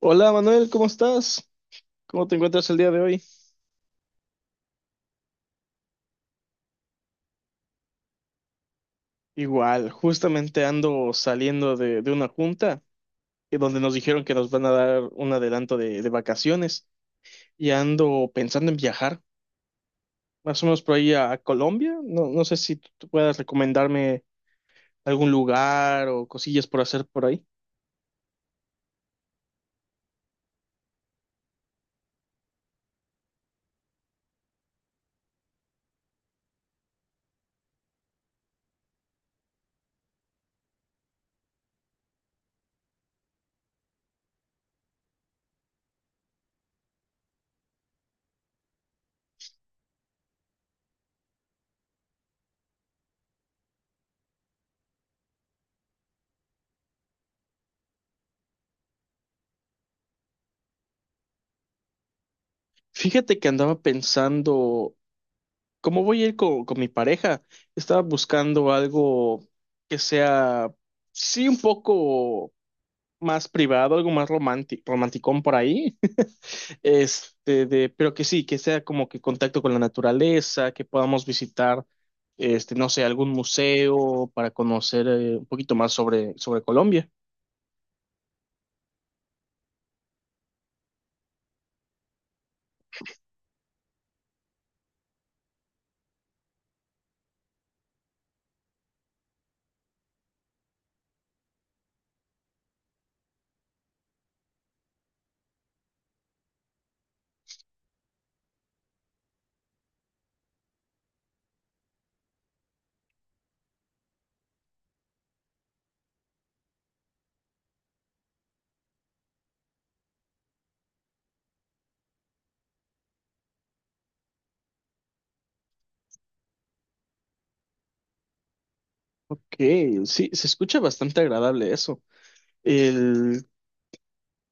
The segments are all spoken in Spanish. Hola Manuel, ¿cómo estás? ¿Cómo te encuentras el día de hoy? Igual, justamente ando saliendo de una junta, donde nos dijeron que nos van a dar un adelanto de vacaciones y ando pensando en viajar, más o menos por ahí a Colombia. No, no sé si tú puedas recomendarme algún lugar o cosillas por hacer por ahí. Fíjate que andaba pensando, ¿cómo voy a ir con mi pareja? Estaba buscando algo que sea, sí, un poco más privado, algo más romántico, romanticón por ahí, pero que sí, que sea como que contacto con la naturaleza, que podamos visitar, este, no sé, algún museo para conocer, un poquito más sobre Colombia. Ok, sí, se escucha bastante agradable eso. El,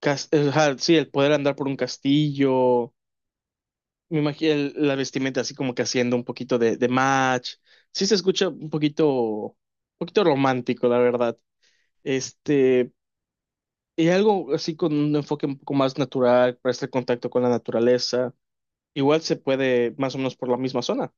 ajá, sí, el poder andar por un castillo. Me imagino la vestimenta así como que haciendo un poquito de match. Sí se escucha un poquito romántico, la verdad. Este, y algo así con un enfoque un poco más natural, para este contacto con la naturaleza. Igual se puede más o menos por la misma zona.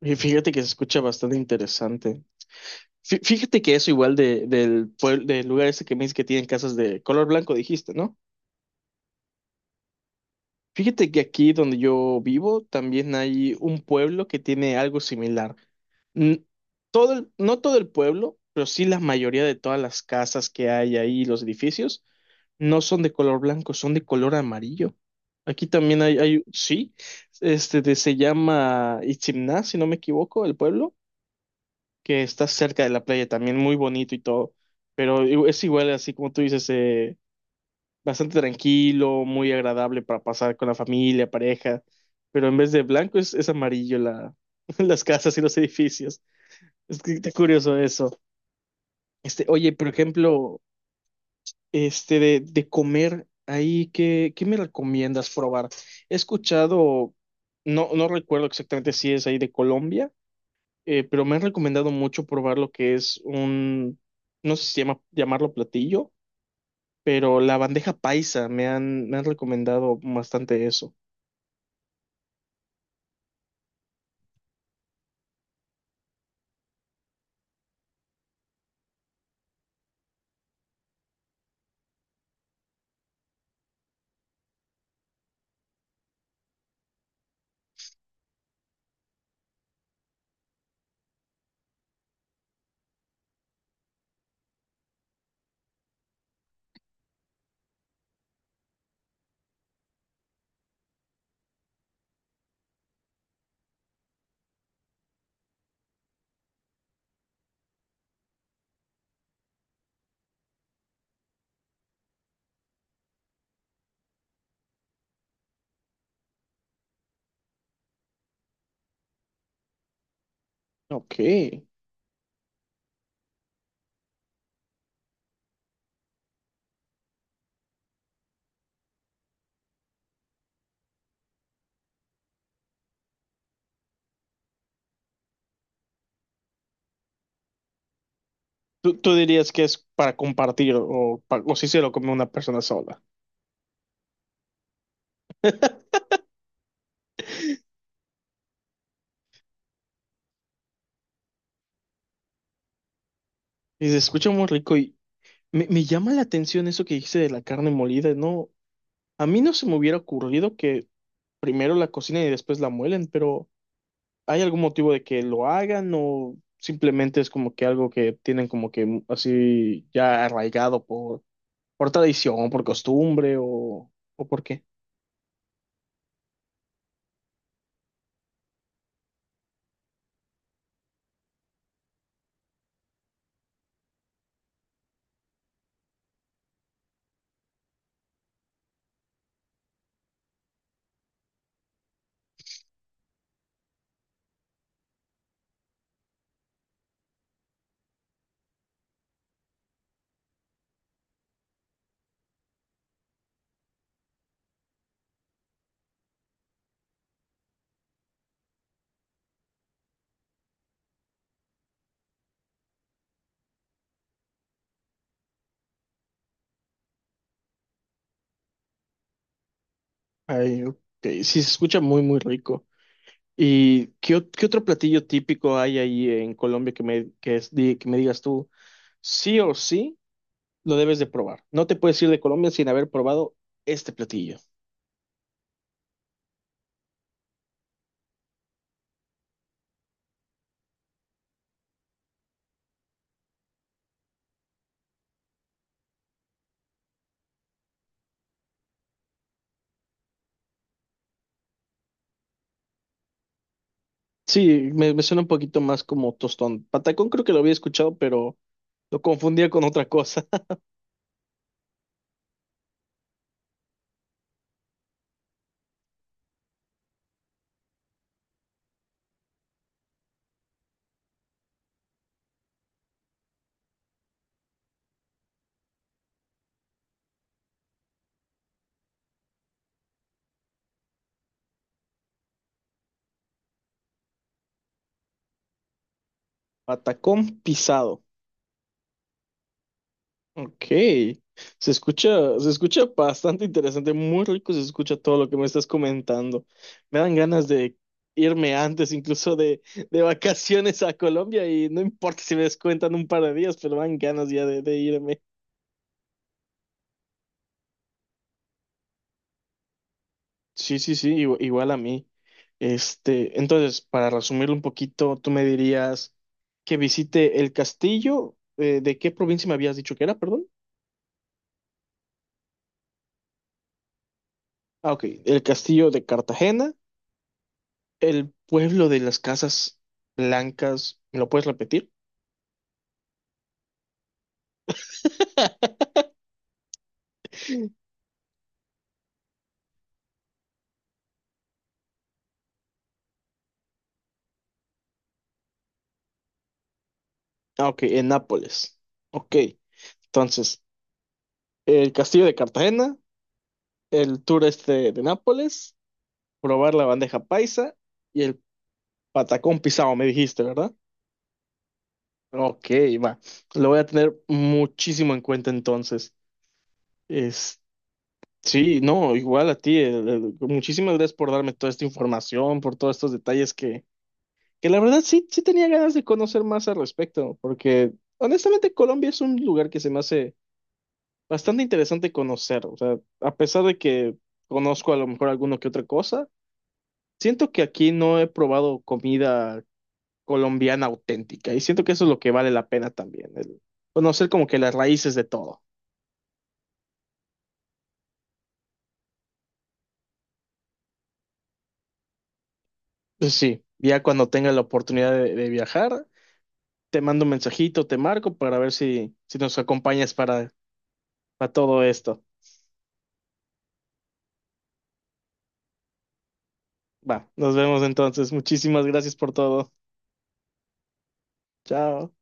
Y fíjate que se escucha bastante interesante. Fíjate que eso igual del lugar ese que me dices que tienen casas de color blanco, dijiste, ¿no? Fíjate que aquí donde yo vivo también hay un pueblo que tiene algo similar. N- no todo el pueblo, pero sí la mayoría de todas las casas que hay ahí, los edificios no son de color blanco, son de color amarillo. Aquí también hay sí, se llama Itzimná, si no me equivoco, el pueblo, que está cerca de la playa también, muy bonito y todo. Pero es igual, así como tú dices, bastante tranquilo, muy agradable para pasar con la familia, pareja. Pero en vez de blanco es amarillo la, las casas y los edificios. Es que está curioso eso. Este, oye, por ejemplo, de comer ahí, ¿qué me recomiendas probar? He escuchado, no, no recuerdo exactamente si es ahí de Colombia, pero me han recomendado mucho probar lo que es un, no sé si llamarlo platillo, pero la bandeja paisa, me han recomendado bastante eso. Ok. ¿Tú dirías que es para compartir o, o si se lo come una persona sola? Y se escucha muy rico, y me llama la atención eso que dice de la carne molida, ¿no? A mí no se me hubiera ocurrido que primero la cocinen y después la muelen, pero ¿hay algún motivo de que lo hagan o simplemente es como que algo que tienen como que así ya arraigado por tradición, por costumbre o por qué? Ay, ok, sí, se escucha muy, muy rico. ¿Y qué, qué otro platillo típico hay ahí en Colombia que me, que es- di- que me digas tú, sí o sí, lo debes de probar? No te puedes ir de Colombia sin haber probado este platillo. Sí, me suena un poquito más como tostón. Patacón creo que lo había escuchado, pero lo confundía con otra cosa. Patacón pisado. Ok. Se escucha bastante interesante, muy rico se escucha todo lo que me estás comentando. Me dan ganas de irme antes incluso de vacaciones a Colombia, y no importa si me descuentan un par de días, pero me dan ganas ya de irme. Sí, sí, sí, igual a mí. Este, entonces, para resumirlo un poquito, tú me dirías que visite el castillo, ¿de qué provincia me habías dicho que era, perdón? Ah, ok, el castillo de Cartagena, el pueblo de las casas blancas, ¿me lo puedes repetir? Ah, ok, en Nápoles. Ok, entonces, el castillo de Cartagena, el tour este de Nápoles, probar la bandeja paisa y el patacón pisado, me dijiste, ¿verdad? Ok, va. Lo voy a tener muchísimo en cuenta entonces. Es, sí, no, igual a ti. Muchísimas gracias por darme toda esta información, por todos estos detalles que la verdad sí, sí tenía ganas de conocer más al respecto, porque honestamente Colombia es un lugar que se me hace bastante interesante conocer. O sea, a pesar de que conozco a lo mejor alguno que otra cosa, siento que aquí no he probado comida colombiana auténtica, y siento que eso es lo que vale la pena también, el conocer como que las raíces de todo. Pues sí, ya cuando tenga la oportunidad de viajar, te mando un mensajito, te marco para ver si, si nos acompañas para todo esto. Va, nos vemos entonces. Muchísimas gracias por todo. Chao.